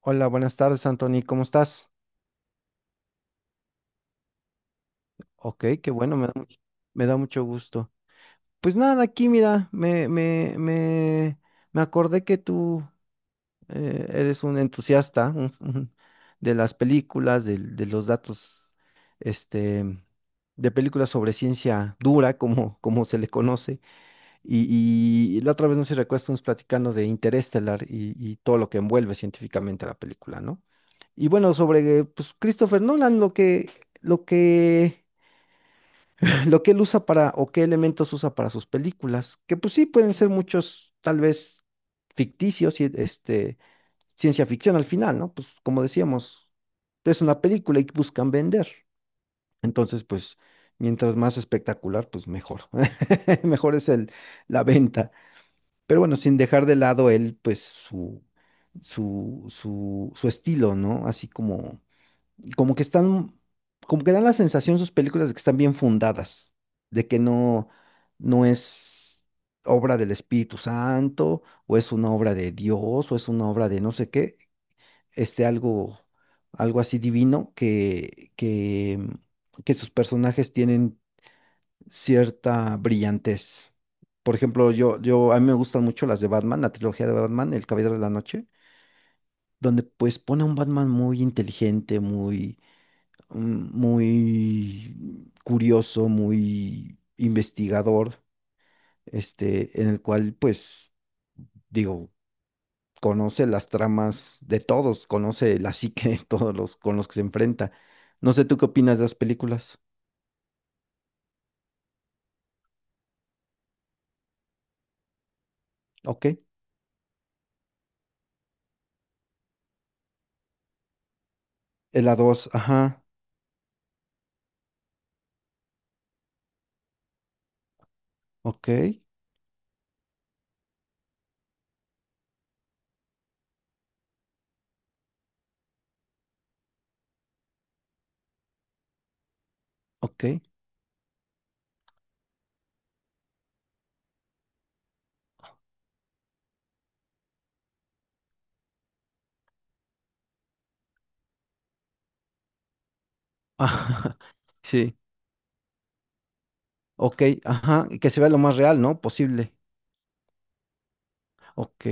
Hola, buenas tardes, Anthony, ¿cómo estás? Ok, qué bueno, me da mucho gusto. Pues nada, aquí mira, me acordé que tú eres un entusiasta de las películas, de los datos, este, de películas sobre ciencia dura, como se le conoce. Y la otra vez, no sé si recuerdas, estamos platicando de Interestelar y, todo lo que envuelve científicamente la película, ¿no? Y bueno, sobre pues, Christopher Nolan, lo que, lo que él usa para, o qué elementos usa para sus películas, que pues sí pueden ser muchos, tal vez ficticios y ciencia ficción al final, ¿no? Pues como decíamos, es una película y buscan vender. Entonces, pues, mientras más espectacular, pues mejor. Mejor es la venta. Pero bueno, sin dejar de lado él, pues su estilo, ¿no? Así como que están, como que dan la sensación sus películas de que están bien fundadas, de que no es obra del Espíritu Santo, o es una obra de Dios, o es una obra de no sé qué, este algo, algo así divino que, que sus personajes tienen cierta brillantez. Por ejemplo, a mí me gustan mucho las de Batman, la trilogía de Batman, El Caballero de la Noche, donde pues pone a un Batman muy inteligente, muy curioso, muy investigador, en el cual pues, digo, conoce las tramas de todos, conoce la psique de todos los con los que se enfrenta. No sé, ¿tú qué opinas de las películas? Ok, en la 2, ajá, ok, ok. Ajá, sí, ok, ajá, y que se vea lo más real, ¿no? Posible. Ok,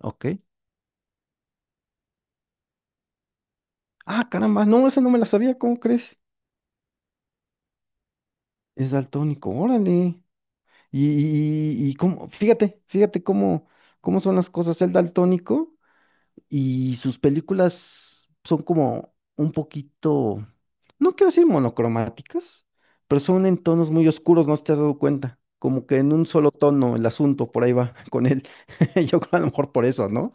ok. Ah, caramba, no, esa no me la sabía, ¿cómo crees? Es daltónico, órale. Y cómo, fíjate cómo son las cosas. El daltónico y sus películas son como un poquito, no quiero decir monocromáticas, pero son en tonos muy oscuros, no sé si te has dado cuenta. Como que en un solo tono el asunto, por ahí va con él. Yo creo a lo mejor por eso, ¿no?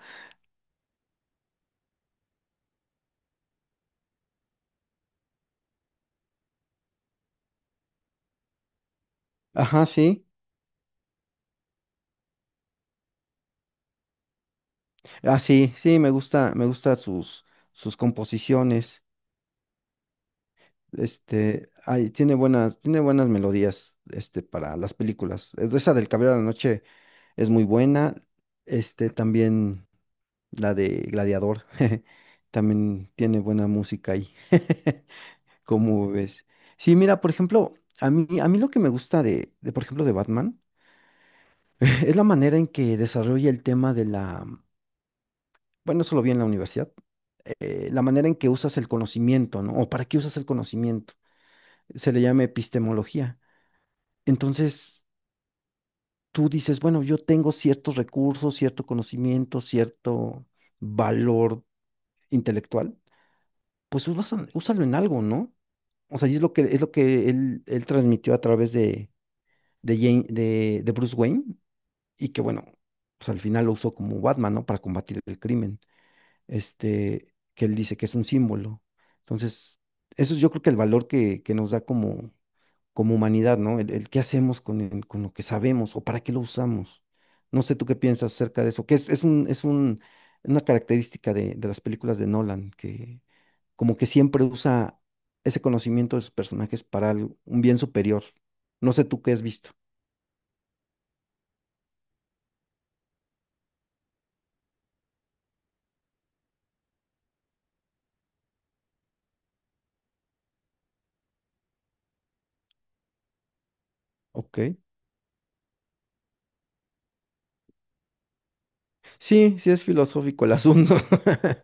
Ajá, sí. Ah, sí, sí, me gusta sus composiciones. Ay, tiene buenas melodías, para las películas. Es de Esa del Caballero de la Noche es muy buena. También la de Gladiador, también tiene buena música ahí. ¿Cómo ves? Sí, mira, por ejemplo, a mí lo que me gusta por ejemplo, de Batman, es la manera en que desarrolla el tema de la. Bueno, eso lo vi en la universidad. La manera en que usas el conocimiento, ¿no? O para qué usas el conocimiento. Se le llama epistemología. Entonces, tú dices, bueno, yo tengo ciertos recursos, cierto conocimiento, cierto valor intelectual, pues úsalo en algo, ¿no? O sea, y es lo que él transmitió a través de Bruce Wayne y que, bueno, pues al final lo usó como Batman, ¿no? Para combatir el crimen, este, que él dice que es un símbolo. Entonces, eso es yo creo que el valor que nos da como, como humanidad, ¿no? El qué hacemos con, con lo que sabemos o para qué lo usamos. No sé tú qué piensas acerca de eso, que una característica de las películas de Nolan, que como que siempre usa ese conocimiento de sus personajes para un bien superior. No sé tú qué has visto. Ok. Sí, sí es filosófico el asunto.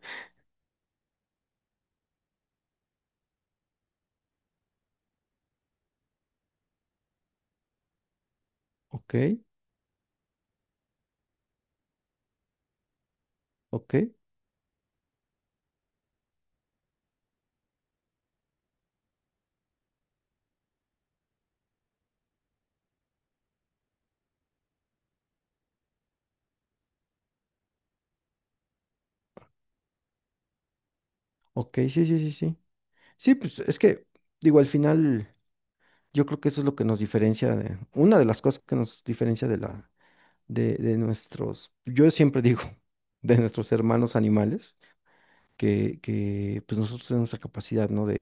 Ok, ok, ok, sí, sí, sí, sí. Sí, pues es que, digo, al final yo creo que eso es lo que nos diferencia de, una de las cosas que nos diferencia de nuestros, yo siempre digo, de nuestros hermanos animales, que pues nosotros tenemos la capacidad, ¿no? De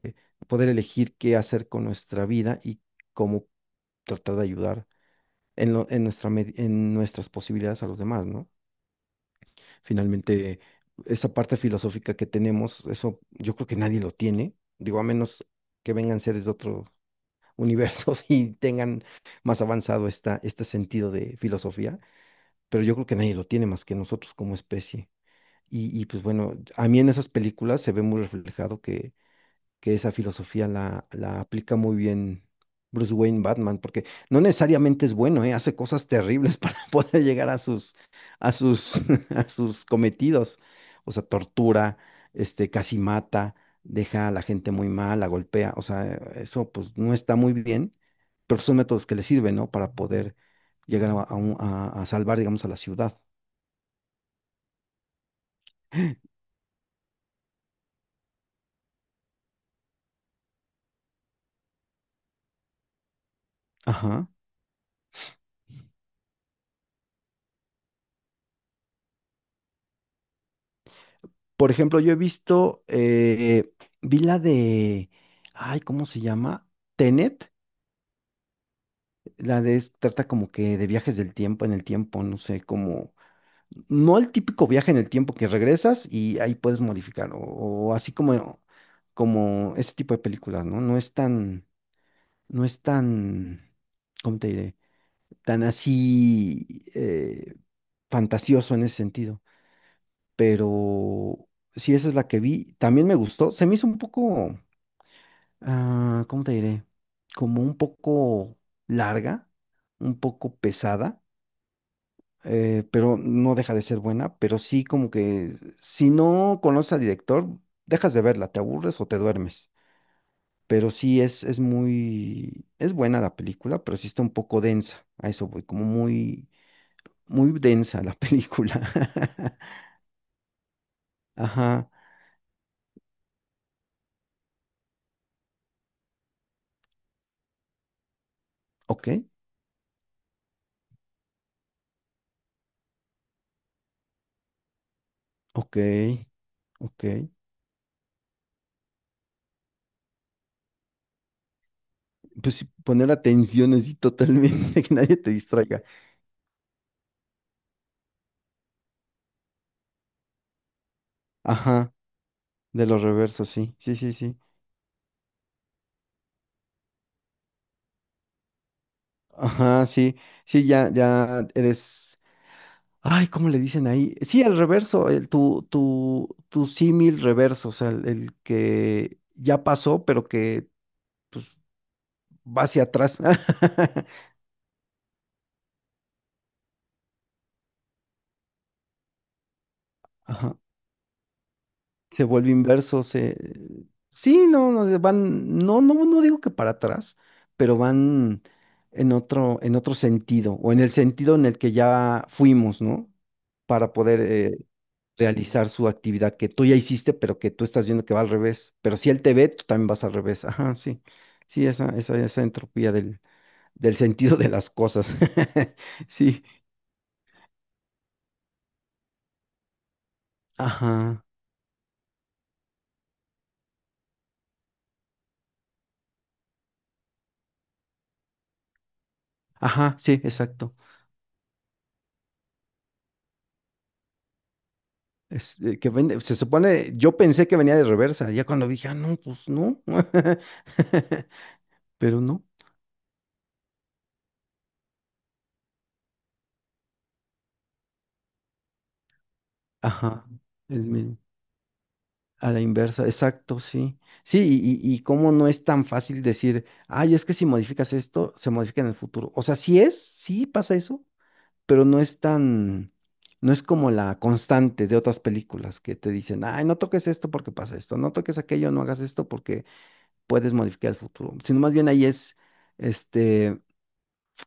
poder elegir qué hacer con nuestra vida y cómo tratar de ayudar en en nuestras posibilidades a los demás, ¿no? Finalmente, esa parte filosófica que tenemos, eso yo creo que nadie lo tiene, digo, a menos que vengan seres de otro universos y tengan más avanzado este sentido de filosofía, pero yo creo que nadie lo tiene más que nosotros como especie. Y pues bueno, a mí en esas películas se ve muy reflejado que esa filosofía la aplica muy bien Bruce Wayne Batman, porque no necesariamente es bueno, ¿eh? Hace cosas terribles para poder llegar a sus, a sus, a sus cometidos. O sea, tortura, casi mata, deja a la gente muy mal, la golpea. O sea, eso pues no está muy bien, pero son métodos que le sirven, ¿no? Para poder llegar a salvar, digamos, a la ciudad. Ajá. Por ejemplo, yo he visto, vi la de, ay, ¿cómo se llama? Tenet, trata como que de viajes del tiempo en el tiempo, no sé, no el típico viaje en el tiempo que regresas y ahí puedes modificar, o así como ese tipo de películas, ¿no? No es tan, ¿Cómo te diré? Tan así fantasioso en ese sentido, pero sí, esa es la que vi, también me gustó, se me hizo un poco. Ah, ¿cómo te diré? Como un poco larga, un poco pesada, pero no deja de ser buena, pero sí como que si no conoces al director, dejas de verla, te aburres o te duermes. Pero sí es buena la película, pero sí está un poco densa, a eso voy, como muy, muy densa la película. Ajá, ok, ok, ok. Pues sí, poner atención así totalmente, que nadie te distraiga. Ajá. De los reversos, sí, sí, sí, sí. Ajá, sí, sí, ya, ya eres. Ay, ¿cómo le dicen ahí? Sí, el reverso, tu símil reverso, o sea, el que ya pasó, pero que pues va hacia atrás. Ajá. Se vuelve inverso, se. Sí, no, no, no, no, no digo que para atrás, pero van en otro sentido, o en el sentido en el que ya fuimos, ¿no? Para poder realizar su actividad que tú ya hiciste, pero que tú estás viendo que va al revés. Pero si él te ve, tú también vas al revés. Ajá, sí. Sí, esa entropía del sentido de las cosas. Sí. Ajá. Ajá, sí, exacto. Se supone, yo pensé que venía de reversa, ya cuando dije, ah, no, pues no, pero no, ajá, el mismo, a la inversa, exacto, sí, sí, y cómo no es tan fácil decir, ay, es que si modificas esto, se modifica en el futuro, o sea, sí pasa eso, pero no es como la constante de otras películas que te dicen, ay, no toques esto porque pasa esto, no toques aquello, no hagas esto porque puedes modificar el futuro, sino más bien ahí es, este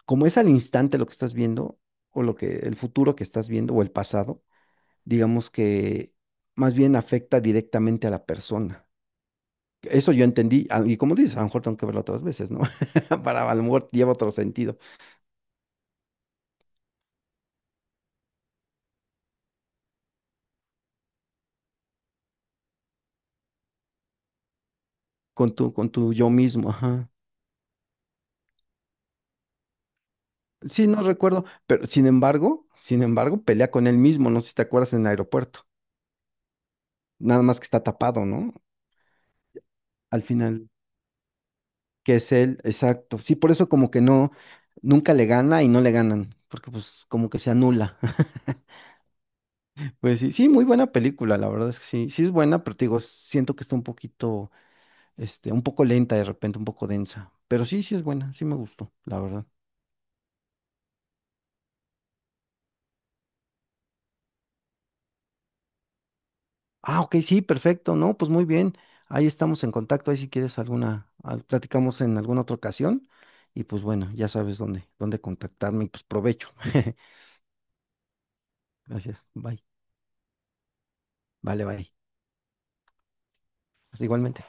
como es al instante lo que estás viendo, el futuro que estás viendo, o el pasado, digamos que más bien afecta directamente a la persona. Eso yo entendí, y como dices, a lo mejor tengo que verlo otras veces, ¿no? Para, a lo mejor lleva otro sentido, con tu yo mismo, ajá. Sí, no recuerdo, pero sin embargo, pelea con él mismo, no sé si te acuerdas en el aeropuerto, nada más que está tapado, ¿no? Al final, que es él, exacto. Sí, por eso como que no, nunca le gana y no le ganan, porque pues como que se anula. Pues sí, sí, muy buena película, la verdad es que sí, sí es buena, pero te digo, siento que está un poquito, un poco lenta de repente, un poco densa, pero sí, sí es buena, sí me gustó, la verdad. Ah, ok, sí, perfecto, no, pues muy bien, ahí estamos en contacto, ahí si quieres platicamos en alguna otra ocasión, y pues bueno, ya sabes dónde contactarme, y pues provecho. Gracias, bye, vale, bye, pues igualmente.